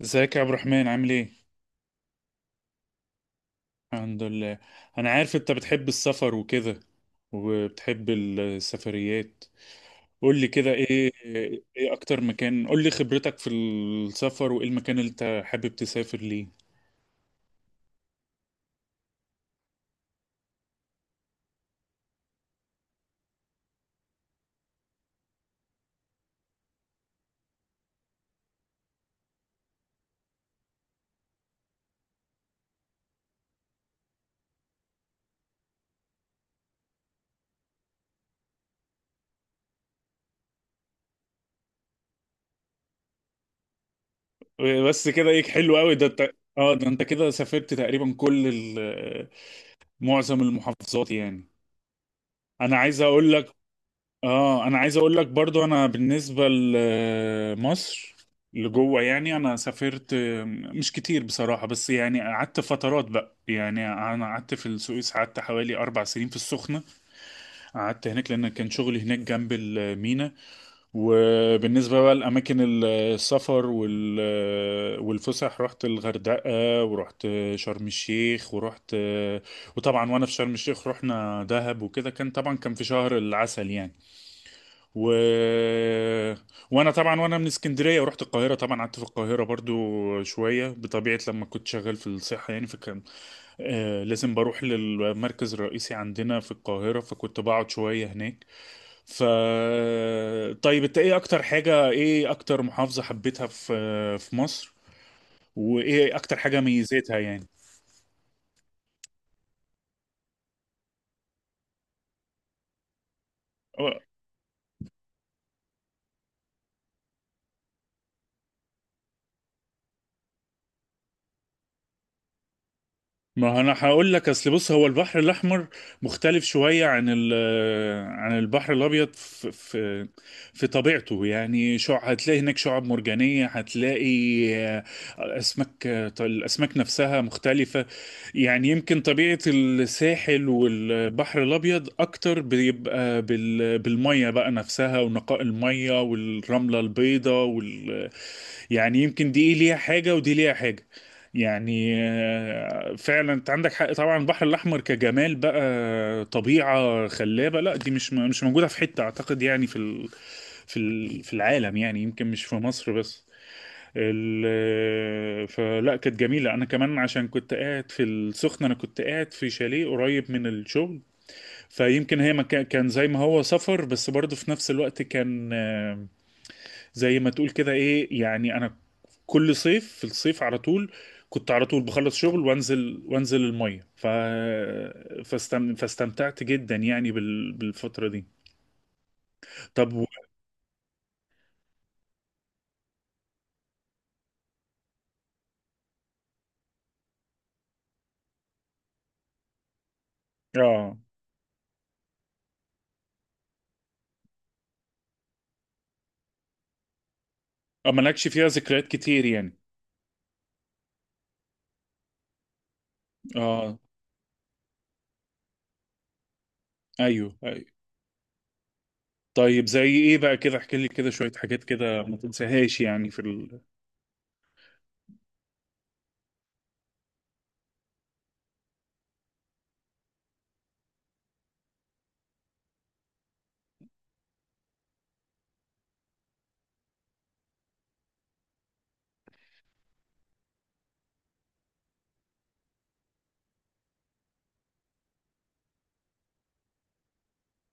ازيك يا عبد الرحمن؟ عامل ايه؟ الحمد لله. انا عارف انت بتحب السفر وكده، وبتحب السفريات. قول لي كده، ايه اكتر مكان؟ قول لي خبرتك في السفر، وايه المكان اللي انت حابب تسافر ليه؟ بس كده؟ ايه حلو قوي، ده انت، اه، ده انت كده سافرت تقريبا معظم المحافظات يعني. انا عايز اقول لك، اه انا عايز اقول لك برضو، انا بالنسبة لمصر، لجوه يعني، انا سافرت مش كتير بصراحة، بس يعني قعدت فترات بقى. يعني انا قعدت في السويس، قعدت حوالي 4 سنين في السخنة، قعدت هناك لان كان شغلي هناك جنب المينا. وبالنسبة بقى لاماكن السفر والفسح، رحت الغردقة، ورحت شرم الشيخ، وطبعا وانا في شرم الشيخ رحنا دهب وكده، كان طبعا كان في شهر العسل يعني. و... وانا طبعا، وانا من اسكندريه، ورحت القاهره طبعا، قعدت في القاهره برضو شويه بطبيعه لما كنت شغال في الصحه يعني. فكان لازم بروح للمركز الرئيسي عندنا في القاهره، فكنت بقعد شويه هناك. ف طيب انت ايه اكتر حاجه، ايه اكتر محافظه حبيتها في مصر؟ وايه اكتر حاجه ميزتها يعني؟ ما انا هقول لك، اصل بص، هو البحر الاحمر مختلف شويه عن البحر الابيض في في طبيعته. يعني شع هتلاقي هناك شعاب مرجانيه، هتلاقي اسماك. الاسماك نفسها مختلفه. يعني يمكن طبيعه الساحل والبحر الابيض اكتر بيبقى بالميه بقى نفسها، ونقاء الميه، والرمله البيضاء. يعني يمكن دي إيه ليها حاجة، ودي ليها حاجة. يعني فعلا انت عندك حق. طبعا البحر الاحمر كجمال بقى، طبيعة خلابة، لا دي مش موجودة في حتة اعتقد يعني، في العالم يعني، يمكن مش في مصر بس. ال آه، فلا كانت جميلة. انا كمان عشان كنت قاعد في السخنة، انا كنت قاعد في شاليه قريب من الشغل، فيمكن هي ما كان زي ما هو سفر، بس برضه في نفس الوقت كان، زي ما تقول كده. ايه يعني، انا كل صيف، في الصيف على طول، كنت على طول بخلص شغل، وانزل الميه. فاستمتعت جدا يعني بالفتره دي. طب. اه، مالكش فيها ذكريات كتير يعني. اه، ايوه، ايوه. طيب زي ايه بقى؟ كده احكي لي كده شويه حاجات كده ما تنساهاش يعني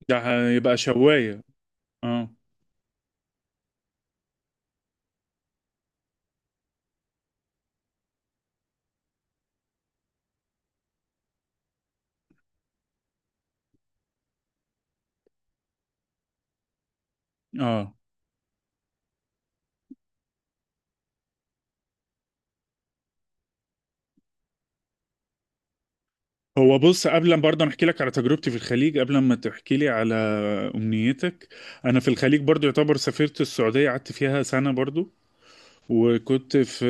ده هيبقى شوايه، اه، اه. هو بص، قبل ما برضه أنا احكي لك على تجربتي في الخليج قبل ما تحكي لي على امنيتك. انا في الخليج برضه يعتبر سافرت السعوديه، قعدت فيها سنه برضه. وكنت في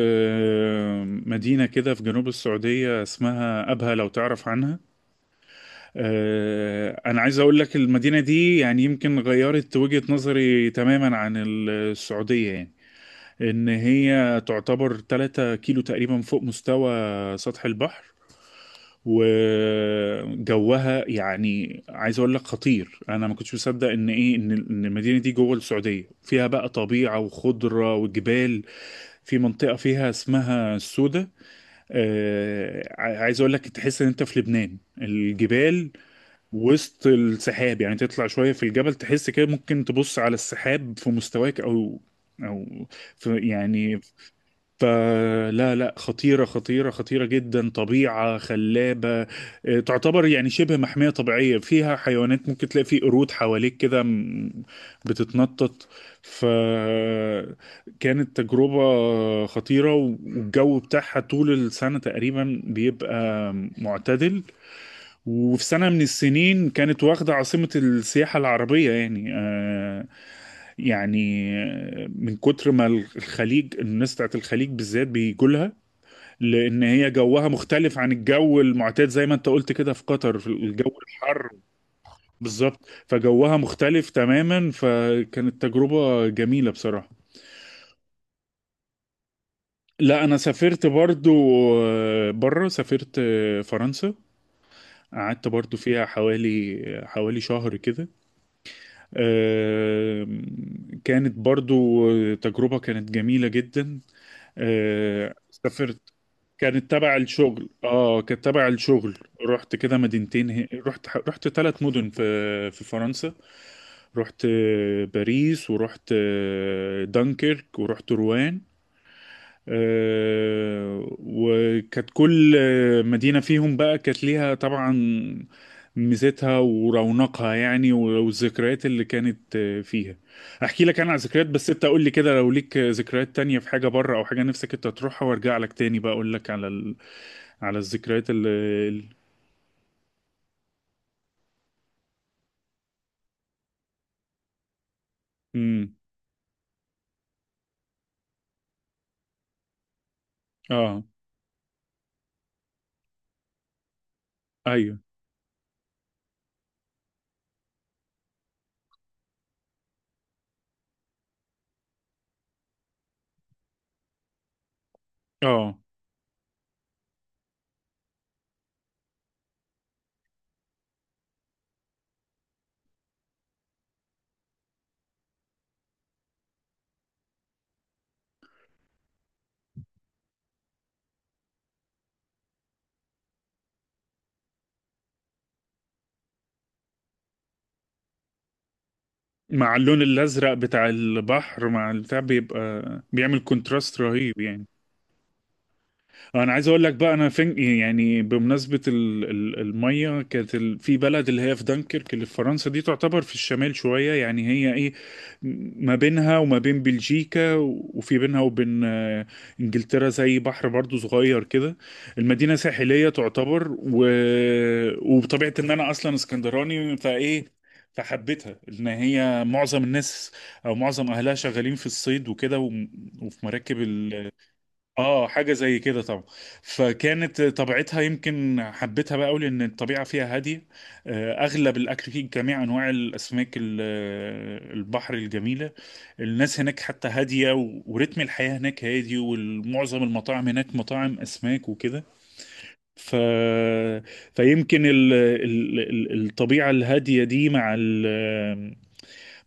مدينه كده في جنوب السعوديه اسمها ابها، لو تعرف عنها. انا عايز اقول لك، المدينه دي يعني يمكن غيرت وجهه نظري تماما عن السعوديه يعني. ان هي تعتبر 3 كيلو تقريبا فوق مستوى سطح البحر، وجوها يعني عايز اقول لك خطير. انا ما كنتش مصدق ان ايه، ان المدينه دي جوه السعوديه فيها بقى طبيعه وخضره وجبال. في منطقه فيها اسمها السودة. عايز اقول لك، تحس ان انت في لبنان. الجبال وسط السحاب يعني. تطلع شويه في الجبل، تحس كده ممكن تبص على السحاب في مستواك، او في يعني. فلا لا، خطيرة خطيرة خطيرة جدا، طبيعة خلابة. تعتبر يعني شبه محمية طبيعية، فيها حيوانات، ممكن تلاقي فيه قرود حواليك كده بتتنطط. فكانت تجربة خطيرة. والجو بتاعها طول السنة تقريبا بيبقى معتدل. وفي سنة من السنين كانت واخدة عاصمة السياحة العربية يعني، يعني من كتر ما الخليج، الناس بتاعت الخليج بالذات بيجولها. لان هي جوها مختلف عن الجو المعتاد، زي ما انت قلت كده في قطر في الجو الحر. بالظبط، فجوها مختلف تماما، فكانت تجربة جميلة بصراحة. لا، انا سافرت برضو بره. سافرت فرنسا، قعدت برضو فيها حوالي حوالي شهر كده. آه، كانت برضو تجربة كانت جميلة جدا. سافرت، كانت تبع الشغل، اه كانت تبع الشغل. رحت كده مدينتين، رحت 3 مدن في فرنسا. رحت باريس، ورحت دانكيرك، ورحت روان. وكانت كل مدينة فيهم بقى كانت ليها طبعا ميزتها ورونقها يعني، والذكريات اللي كانت فيها. احكي لك انا على ذكريات، بس انت قول لي كده، لو ليك ذكريات تانية في حاجة بره او حاجة نفسك انت تروحها، وارجع لك تاني بقى اقول لك على الذكريات اللي ال... امم، اه، ايوه، اه. مع اللون الازرق بتاع البحر، مع البتاع بيبقى بيعمل كونتراست رهيب يعني. انا عايز اقول لك بقى، انا فين يعني، بمناسبه الميه، كانت في بلد اللي هي في دنكرك اللي في فرنسا. دي تعتبر في الشمال شويه يعني، هي ايه ما بينها وما بين بلجيكا، وفي بينها وبين انجلترا. زي بحر برضو صغير كده. المدينه ساحليه تعتبر. وبطبيعه ان انا اصلا اسكندراني فايه، فحبيتها. ان هي معظم الناس او معظم اهلها شغالين في الصيد وكده، وفي مراكب. اه، حاجة زي كده طبعا. فكانت طبيعتها يمكن حبيتها بقى قوي لان الطبيعة فيها هادية. اغلب الاكل فيه جميع انواع الاسماك البحر الجميلة. الناس هناك حتى هادية، ورتم الحياة هناك هادي، ومعظم المطاعم هناك مطاعم اسماك وكده. ف... فيمكن الطبيعة الهادية دي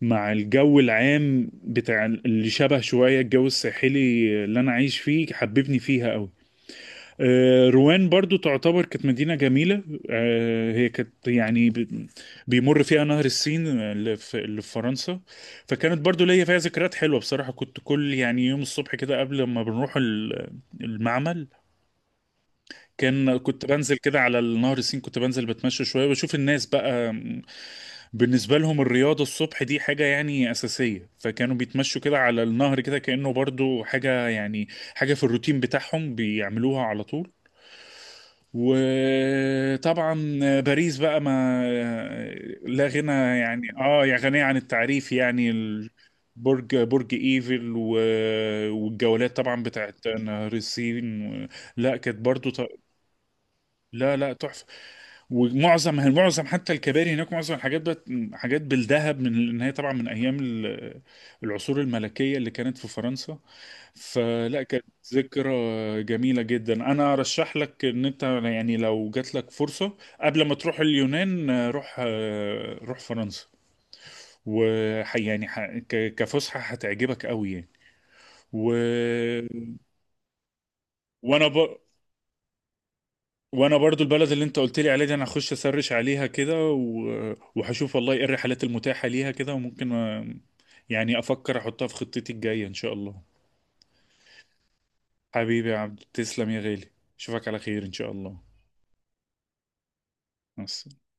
مع الجو العام بتاع اللي شبه شوية الجو الساحلي اللي انا عايش فيه، حببني فيها قوي. روان برضو تعتبر كانت مدينة جميلة. هي كانت يعني بيمر فيها نهر السين اللي في فرنسا. فكانت برضو ليا فيها ذكريات حلوة بصراحة. كنت كل يعني يوم الصبح كده، قبل ما بنروح المعمل، كنت بنزل كده على النهر السين، كنت بنزل بتمشى شوية، وبشوف الناس بقى. بالنسبة لهم الرياضة الصبح دي حاجة يعني أساسية، فكانوا بيتمشوا كده على النهر، كده كأنه برضو حاجة يعني، حاجة في الروتين بتاعهم بيعملوها على طول. وطبعا باريس بقى، ما لا غنى، يعني اه، يا غنية عن التعريف يعني، برج ايفل، والجولات طبعا بتاعت نهر السين. لا كانت برضو لا لا، تحفة. ومعظم حتى الكباري هناك، معظم الحاجات بقت حاجات بالذهب، من ان هي طبعا من ايام العصور الملكية اللي كانت في فرنسا. فلا، كانت ذكرى جميلة جدا. أنا أرشح لك إن أنت يعني، لو جات لك فرصة قبل ما تروح اليونان، روح فرنسا. وح يعني ح... ك... كفسحة هتعجبك قوي يعني. و... وأنا ب... وأنا برضو البلد اللي أنت قلت لي عليها دي، أنا هخش أسرش عليها كده، وهشوف والله إيه الرحلات المتاحة ليها كده، وممكن يعني أفكر أحطها في خطتي الجاية إن شاء الله. حبيبي يا عبد، تسلم يا غالي، أشوفك على خير إن شاء الله. مع السلامة.